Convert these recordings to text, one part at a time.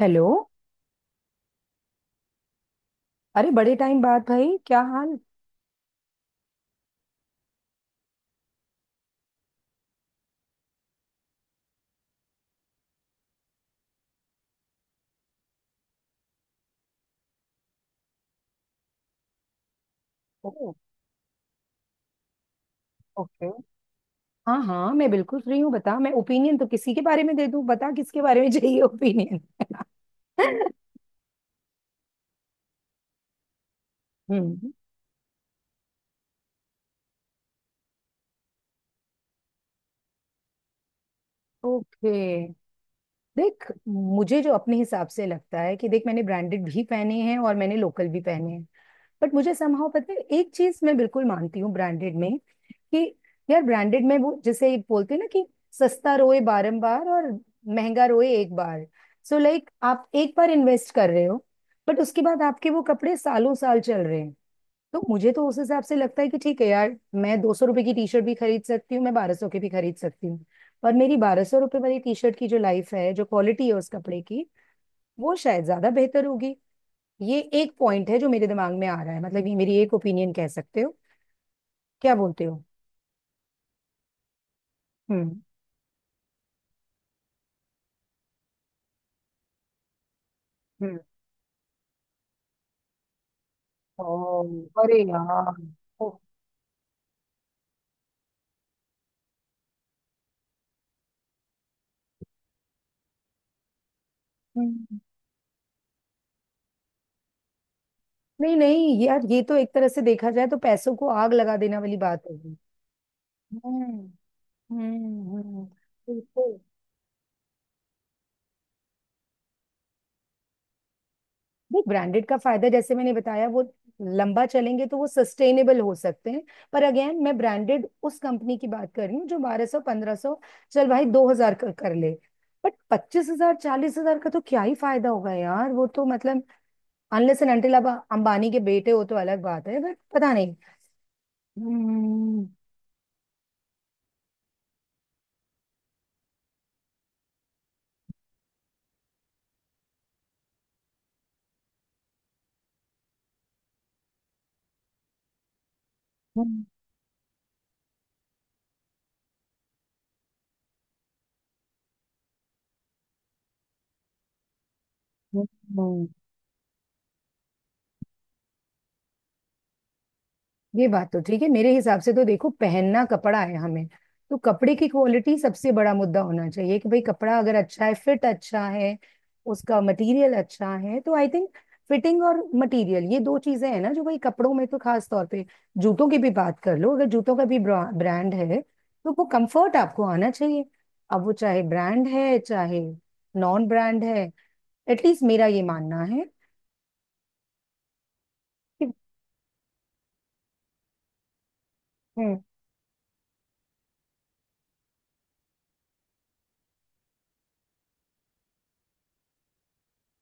Hello. अरे बड़े time बाद भाई, क्या हाल? ओह। ओके। हाँ हाँ, मैं बिल्कुल फ्री हूँ, बता। मैं ओपिनियन तो किसी के बारे में दे दूँ, बता किसके बारे में चाहिए ओपिनियन। हम्म। ओके। देख, मुझे जो अपने हिसाब से लगता है कि देख, मैंने ब्रांडेड भी पहने हैं और मैंने लोकल भी पहने हैं। बट मुझे समहाउ पता है, एक चीज मैं बिल्कुल मानती हूँ ब्रांडेड में कि यार ब्रांडेड में वो जैसे एक बोलते हैं ना कि सस्ता रोए बारंबार और महंगा रोए एक बार। सो लाइक आप एक बार इन्वेस्ट कर रहे हो बट उसके बाद आपके वो कपड़े सालों साल चल रहे हैं। तो मुझे तो उस हिसाब से लगता है कि ठीक है यार, मैं 200 रुपए की टी शर्ट भी खरीद सकती हूँ, मैं 1200 की भी खरीद सकती हूँ। पर मेरी 1200 रुपए वाली टी शर्ट की जो लाइफ है, जो क्वालिटी है उस कपड़े की, वो शायद ज्यादा बेहतर होगी। ये एक पॉइंट है जो मेरे दिमाग में आ रहा है, मतलब ये मेरी एक ओपिनियन कह सकते हो। क्या बोलते हो? हम्म। हम्म। ओ, अरे यार। ओ। हम्म। नहीं नहीं यार, ये तो एक तरह से देखा जाए तो पैसों को आग लगा देने वाली बात होगी। हम्म। हम्म। बिल्कुल। देख, ब्रांडेड का फायदा जैसे मैंने बताया, वो लंबा चलेंगे तो वो सस्टेनेबल हो सकते हैं। पर अगेन मैं ब्रांडेड उस कंपनी की बात कर रही हूँ जो 1200, 1500, चल भाई 2000 कर ले। बट 25000, 40000 का तो क्या ही फायदा होगा यार, वो तो मतलब अनलेस एंड अनटिल आप अंबानी के बेटे हो तो अलग बात है, बट पता नहीं। हम्म। हम्म। हम्म। ये बात तो ठीक है। मेरे हिसाब से तो देखो, पहनना कपड़ा है हमें, तो कपड़े की क्वालिटी सबसे बड़ा मुद्दा होना चाहिए। कि भाई कपड़ा अगर अच्छा है, फिट अच्छा है, उसका मटेरियल अच्छा है, तो आई थिंक फिटिंग और मटेरियल ये दो चीजें हैं ना जो भाई कपड़ों में तो खास तौर पे। जूतों की भी बात कर लो, अगर जूतों का भी ब्रांड है तो वो कंफर्ट आपको आना चाहिए। अब वो चाहे ब्रांड है चाहे नॉन ब्रांड है, एटलीस्ट मेरा ये मानना है। कि हम्म।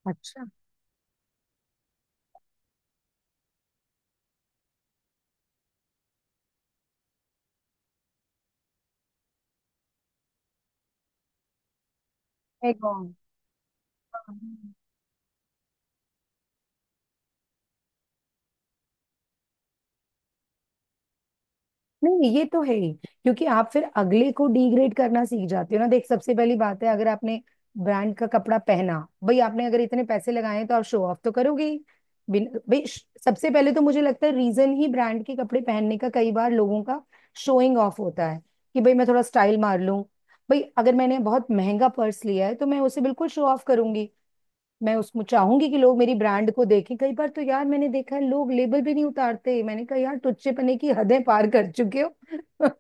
अच्छा है। नहीं ये तो है ही क्योंकि आप फिर अगले को डिग्रेड करना सीख जाते हो ना। देख, सबसे पहली बात है, अगर आपने ब्रांड का कपड़ा पहना, भाई आपने अगर इतने पैसे लगाए हैं तो आप शो ऑफ तो करोगे ही। बिन भाई सबसे पहले तो मुझे लगता है रीजन ही ब्रांड के कपड़े पहनने का कई बार लोगों का शोइंग ऑफ होता है कि भाई मैं थोड़ा स्टाइल मार लूं। भाई अगर मैंने बहुत महंगा पर्स लिया है तो मैं उसे बिल्कुल शो ऑफ करूंगी, मैं उसमें चाहूंगी कि लोग मेरी ब्रांड को देखें। कई बार तो यार मैंने देखा है लोग लेबल भी नहीं उतारते, मैंने कहा यार टुच्चेपने की हदें पार कर चुके हो।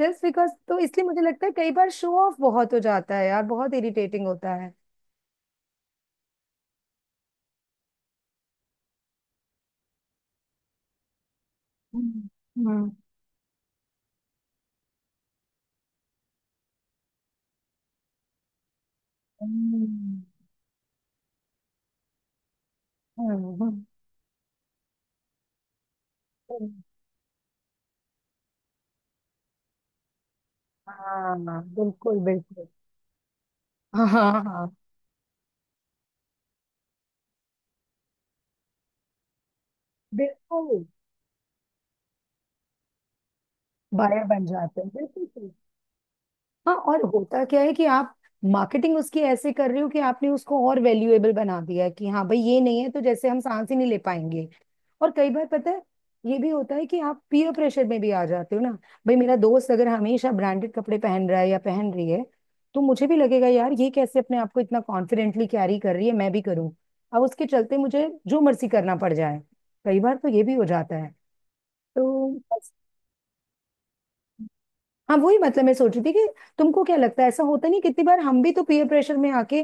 जस्ट बिकॉज, तो इसलिए मुझे लगता है कई बार शो ऑफ बहुत हो जाता है यार, बहुत इरिटेटिंग होता है। हम्म। हम्म। हम्म। हम्म। हम्म। हाँ, बिल्कुल बिल्कुल। हाँ हाँ हाँ, बिल्कुल। बायर बन जाते हैं, बिल्कुल सही। हाँ, और होता क्या है कि आप मार्केटिंग उसकी ऐसे कर रहे हो कि आपने उसको और वैल्यूएबल बना दिया है कि हाँ भाई, ये नहीं है तो जैसे हम सांस ही नहीं ले पाएंगे। और कई बार पता है, ये भी होता है कि आप पीयर प्रेशर में भी आ जाते हो ना। भाई, मेरा दोस्त अगर हमेशा ब्रांडेड कपड़े पहन रहा है या पहन रही है, तो मुझे भी लगेगा यार, ये कैसे अपने आप को इतना कॉन्फिडेंटली कैरी कर रही है, मैं भी करूँ। अब उसके चलते मुझे जो मर्जी करना पड़ जाए, कई बार तो ये भी हो जाता है। तो बस। हाँ, वही मतलब मैं सोच रही थी कि तुमको क्या लगता है? ऐसा होता नहीं कितनी बार हम भी तो पीयर प्रेशर में आके,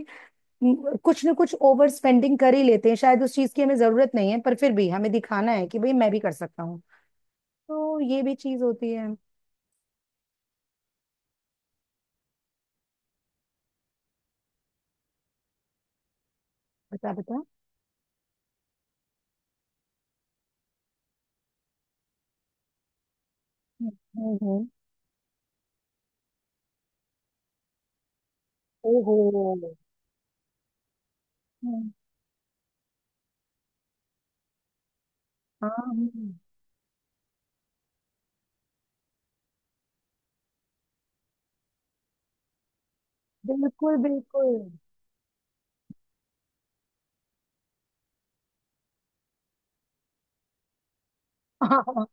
कुछ ना कुछ ओवर स्पेंडिंग कर ही लेते हैं? शायद उस चीज की हमें जरूरत नहीं है पर फिर भी हमें दिखाना है कि भाई मैं भी कर सकता हूँ। तो ये भी चीज होती है। बता बता। हम्म। हम्म। ओहो। हम्म। हाँ। हम्म। बिल्कुल बिल्कुल। हाँ,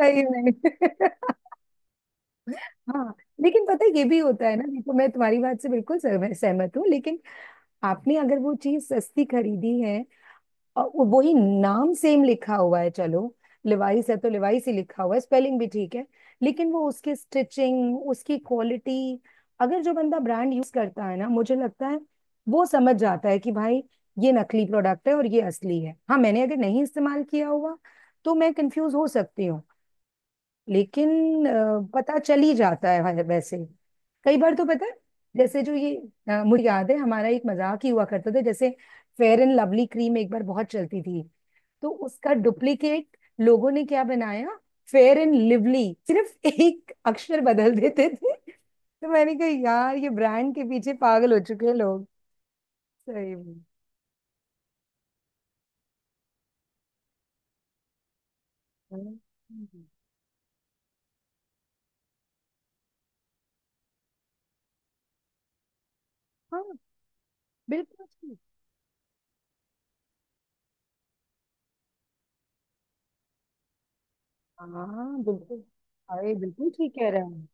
सही में। हाँ, लेकिन पता है ये भी होता है ना। देखो, मैं तुम्हारी बात से बिल्कुल सहमत सहमत हूँ, लेकिन आपने अगर वो चीज सस्ती खरीदी है और वही नाम सेम लिखा हुआ है, चलो लिवाइस है तो लिवाइस ही लिखा हुआ है, स्पेलिंग भी ठीक है, लेकिन वो उसकी स्टिचिंग, उसकी क्वालिटी, अगर जो बंदा ब्रांड यूज करता है ना, मुझे लगता है वो समझ जाता है कि भाई ये नकली प्रोडक्ट है और ये असली है। हाँ, मैंने अगर नहीं इस्तेमाल किया हुआ तो मैं कंफ्यूज हो सकती हूँ, लेकिन पता चल ही जाता है वैसे। कई बार तो पता है, जैसे जो ये मुझे याद है हमारा एक मजाक ही हुआ करता था, जैसे फेयर एंड लवली क्रीम एक बार बहुत चलती थी, तो उसका डुप्लीकेट लोगों ने क्या बनाया, फेयर एंड लिवली, सिर्फ एक अक्षर बदल देते थे। तो मैंने कहा यार, ये ब्रांड के पीछे पागल हो चुके हैं लोग, सही में। हाँ हाँ, बिल्कुल ठीक। हाँ बिल्कुल। अरे बिल्कुल ठीक कह रहे हैं।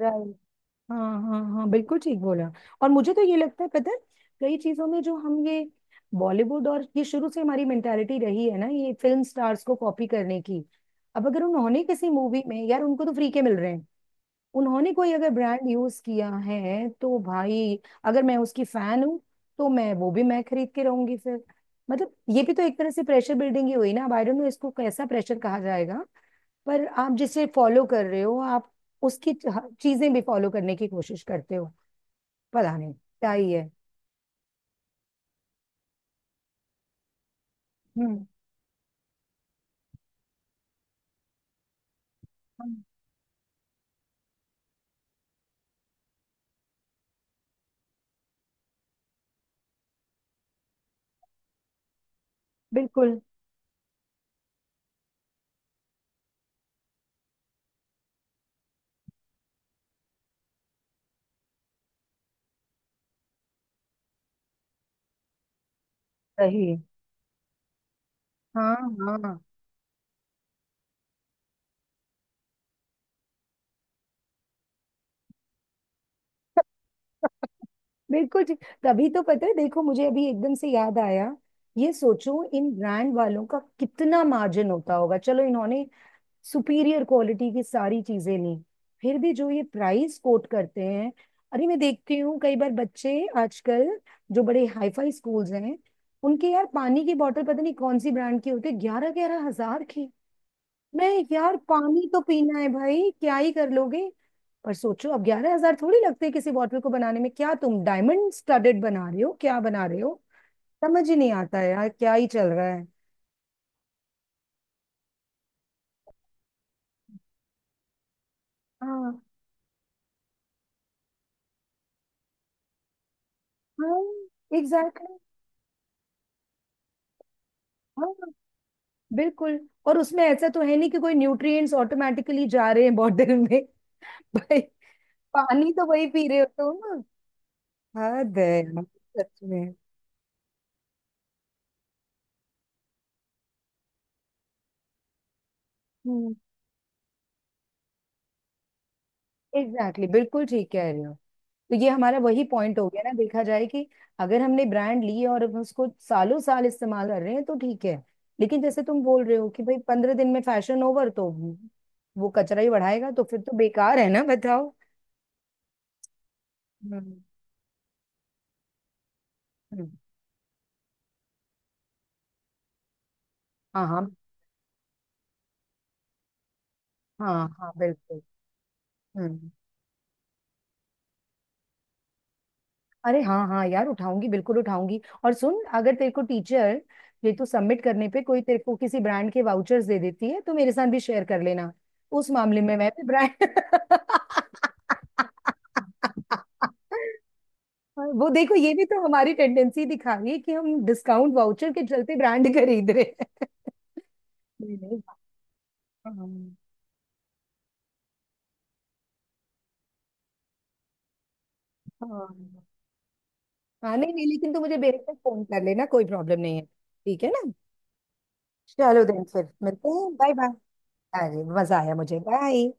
हम्म। हाँ हाँ हाँ, बिल्कुल ठीक बोला। और मुझे तो ये लगता है, पता है, कई चीजों में जो हम ये बॉलीवुड, और ये शुरू से हमारी मेंटालिटी रही है ना, ये फिल्म स्टार्स को कॉपी करने की। अब अगर उन्होंने किसी मूवी में, यार उनको तो फ्री के मिल रहे हैं, उन्होंने कोई अगर ब्रांड यूज किया है तो भाई, अगर मैं उसकी फैन हूँ तो मैं वो भी मैं खरीद के रहूंगी फिर। मतलब ये भी तो एक तरह से प्रेशर बिल्डिंग ही हुई ना। अब आई डोंट नो इसको कैसा प्रेशर कहा जाएगा, पर आप जिसे फॉलो कर रहे हो, आप उसकी चीजें भी फॉलो करने की कोशिश करते हो। पता नहीं क्या ही है। हम्म। हम्म। बिल्कुल सही। हाँ हाँ, बिल्कुल ठीक। तभी तो पता है। देखो मुझे अभी एकदम से याद आया, ये सोचो इन ब्रांड वालों का कितना मार्जिन होता होगा, चलो इन्होंने सुपीरियर क्वालिटी की सारी चीजें ली, फिर भी जो ये प्राइस कोट करते हैं। अरे मैं देखती हूँ कई बार बच्चे आजकल जो बड़े हाईफाई स्कूल्स हैं, उनके यार पानी की बोतल पता नहीं कौन सी ब्रांड की होती है, 11000, 11000 की। मैं, यार पानी तो पीना है भाई, क्या ही कर लोगे। पर सोचो, अब 11000 थोड़ी लगते हैं किसी बॉटल को बनाने में, क्या तुम डायमंड स्टडेड बना रहे हो, क्या बना रहे हो? समझ ही नहीं आता है यार क्या ही चल रहा है। हाँ। हाँ एग्जैक्टली। हाँ। बिल्कुल। और उसमें ऐसा तो है नहीं कि कोई न्यूट्रिएंट्स ऑटोमेटिकली जा रहे हैं बॉटल में। भाई, पानी तो वही पी रहे हो तुम। हद है यार, सच में। हम्म। एग्जैक्टली, बिल्कुल ठीक कह रहे हो। तो ये हमारा वही पॉइंट हो गया ना, देखा जाए कि अगर हमने ब्रांड ली और अब उसको सालों साल इस्तेमाल कर रहे हैं तो ठीक है, लेकिन जैसे तुम बोल रहे हो कि भाई 15 दिन में फैशन ओवर, तो वो कचरा ही बढ़ाएगा, तो फिर तो बेकार है ना, बताओ? हम्म। हम्म। हाँ हाँ। हाँ हाँ बिल्कुल। हम्म। अरे हाँ हाँ यार, उठाऊंगी बिल्कुल उठाऊंगी। और सुन, अगर तेरे को टीचर, ये तो सबमिट करने पे कोई तेरे को किसी ब्रांड के वाउचर्स दे देती है तो मेरे साथ भी शेयर कर लेना, उस मामले में मैं भी ब्रांड। वो देखो, ये भी तो हमारी टेंडेंसी दिखा रही है कि हम डिस्काउंट वाउचर के चलते ब्रांड खरीद रहे हैं। नहीं नहीं। हाँ। हाँ हाँ, नहीं नहीं, लेकिन तू मुझे बेशक फोन कर लेना, कोई प्रॉब्लम नहीं है। ठीक है ना? चलो देन फिर मिलते हैं, बाय बाय। हाँ जी, मजा आया मुझे। बाय।